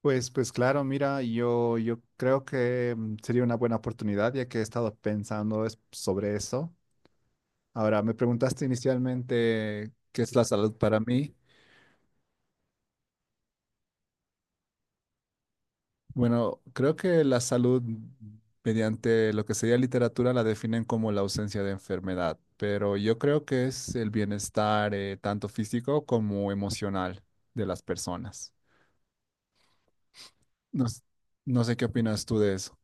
Pues, claro, mira, yo creo que sería una buena oportunidad ya que he estado pensando sobre eso. Ahora, me preguntaste inicialmente qué es la salud para mí. Bueno, creo que la salud mediante lo que sería literatura la definen como la ausencia de enfermedad, pero yo creo que es el bienestar tanto físico como emocional de las personas. No, no sé qué opinas tú de eso.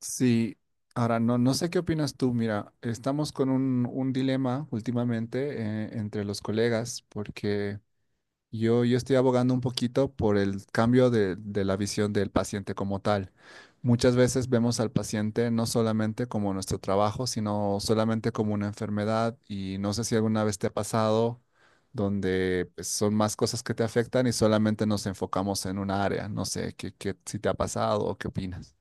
Sí, ahora no sé qué opinas tú. Mira, estamos con un dilema últimamente entre los colegas porque yo estoy abogando un poquito por el cambio de la visión del paciente como tal. Muchas veces vemos al paciente no solamente como nuestro trabajo, sino solamente como una enfermedad y no sé si alguna vez te ha pasado donde pues, son más cosas que te afectan y solamente nos enfocamos en un área. No sé qué, si te ha pasado o qué opinas.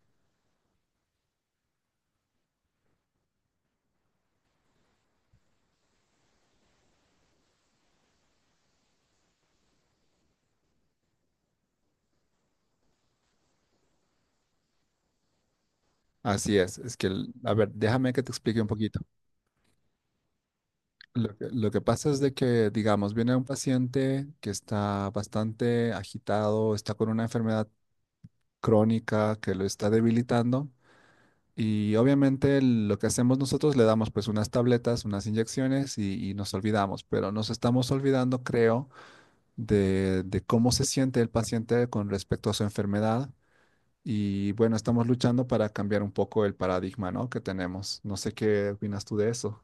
Así es que, a ver, déjame que te explique un poquito. Lo que pasa es de que, digamos, viene un paciente que está bastante agitado, está con una enfermedad crónica que lo está debilitando y obviamente lo que hacemos nosotros le damos pues unas tabletas, unas inyecciones y nos olvidamos, pero nos estamos olvidando, creo, de cómo se siente el paciente con respecto a su enfermedad. Y bueno, estamos luchando para cambiar un poco el paradigma, ¿no? que tenemos. No sé qué opinas tú de eso.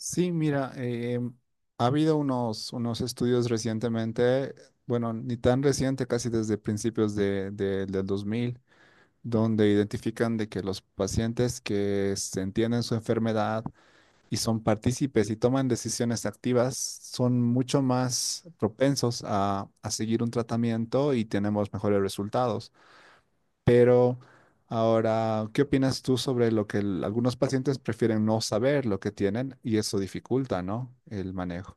Sí, mira, ha habido unos estudios recientemente, bueno, ni tan reciente, casi desde principios del 2000, donde identifican de que los pacientes que se entienden su enfermedad y son partícipes y toman decisiones activas son mucho más propensos a seguir un tratamiento y tenemos mejores resultados. Pero ahora, ¿qué opinas tú sobre lo que algunos pacientes prefieren no saber lo que tienen y eso dificulta, ¿no? El manejo.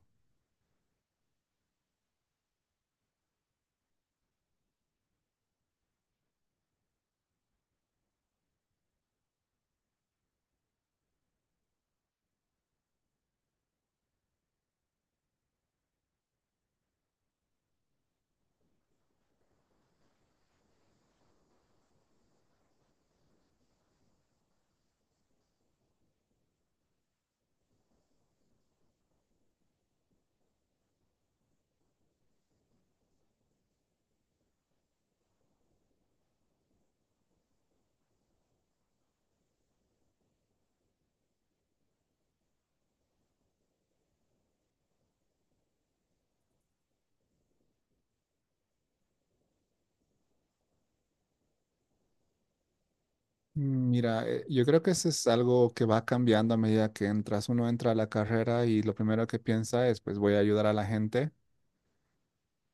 Mira, yo creo que eso es algo que va cambiando a medida que entras. Uno entra a la carrera y lo primero que piensa es, pues voy a ayudar a la gente.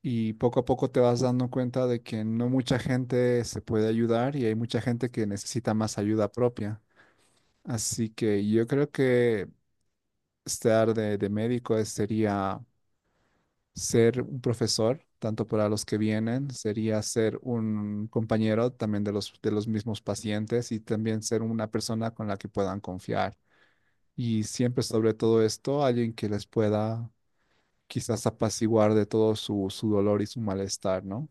Y poco a poco te vas dando cuenta de que no mucha gente se puede ayudar y hay mucha gente que necesita más ayuda propia. Así que yo creo que estar de médico sería ser un profesor, tanto para los que vienen, sería ser un compañero también de los mismos pacientes y también ser una persona con la que puedan confiar. Y siempre sobre todo esto, alguien que les pueda quizás apaciguar de todo su dolor y su malestar, ¿no?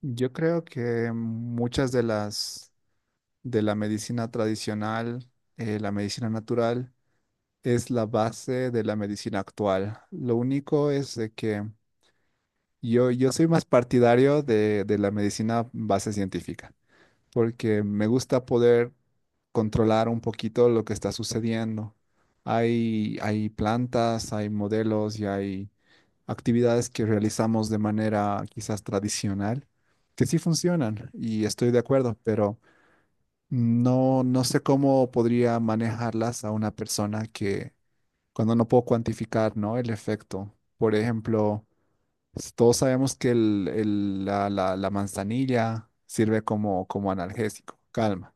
Yo creo que muchas de la medicina tradicional, la medicina natural, es la base de la medicina actual. Lo único es de que yo soy más partidario de la medicina base científica, porque me gusta poder controlar un poquito lo que está sucediendo. Hay plantas, hay modelos y hay actividades que realizamos de manera quizás tradicional que sí funcionan y estoy de acuerdo, pero no sé cómo podría manejarlas a una persona que cuando no puedo cuantificar, ¿no? el efecto. Por ejemplo, todos sabemos que la manzanilla sirve como, como analgésico, calma.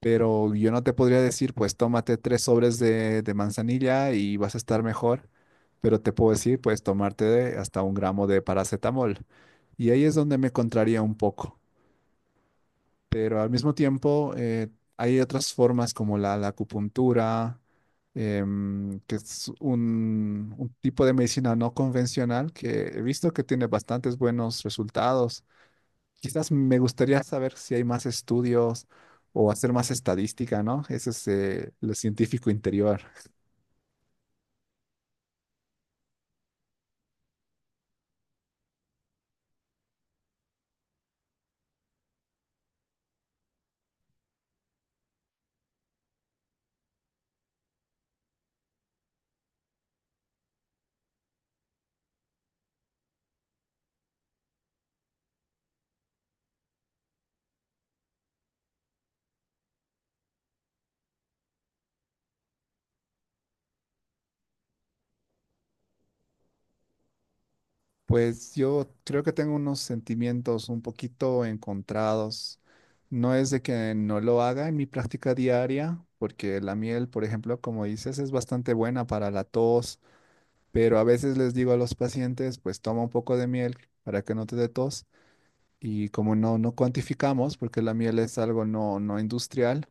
Pero yo no te podría decir, pues tómate 3 sobres de manzanilla y vas a estar mejor. Pero te puedo decir, pues tomarte hasta 1 gramo de paracetamol. Y ahí es donde me contraría un poco pero al mismo tiempo hay otras formas como la acupuntura, que es un tipo de medicina no convencional que he visto que tiene bastantes buenos resultados. Quizás me gustaría saber si hay más estudios o hacer más estadística, ¿no? Ese es lo científico interior. Pues yo creo que tengo unos sentimientos un poquito encontrados. No es de que no lo haga en mi práctica diaria, porque la miel, por ejemplo, como dices, es bastante buena para la tos, pero a veces les digo a los pacientes, pues toma un poco de miel para que no te dé tos. Y como no cuantificamos, porque la miel es algo no industrial,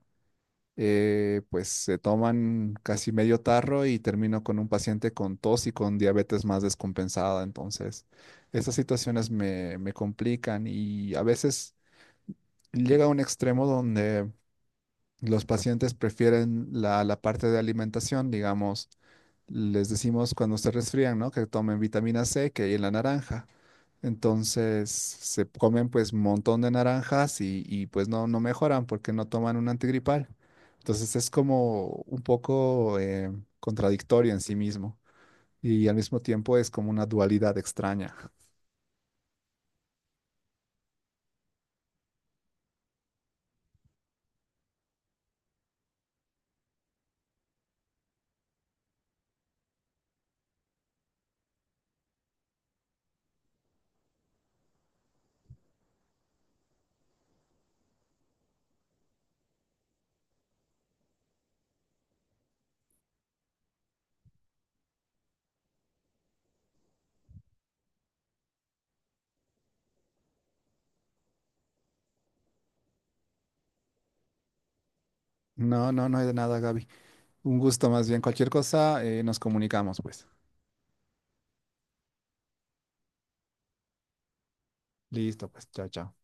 pues se toman casi medio tarro y termino con un paciente con tos y con diabetes más descompensada. Entonces, estas situaciones me complican y a veces llega a un extremo donde los pacientes prefieren la parte de alimentación, digamos, les decimos cuando se resfrían, ¿no? Que tomen vitamina C, que hay en la naranja entonces se comen pues un montón de naranjas pues no mejoran porque no toman un antigripal. Entonces es como un poco contradictorio en sí mismo y al mismo tiempo es como una dualidad extraña. No, no, no hay de nada, Gaby. Un gusto más bien. Cualquier cosa, nos comunicamos pues. Listo, pues, chao, chao.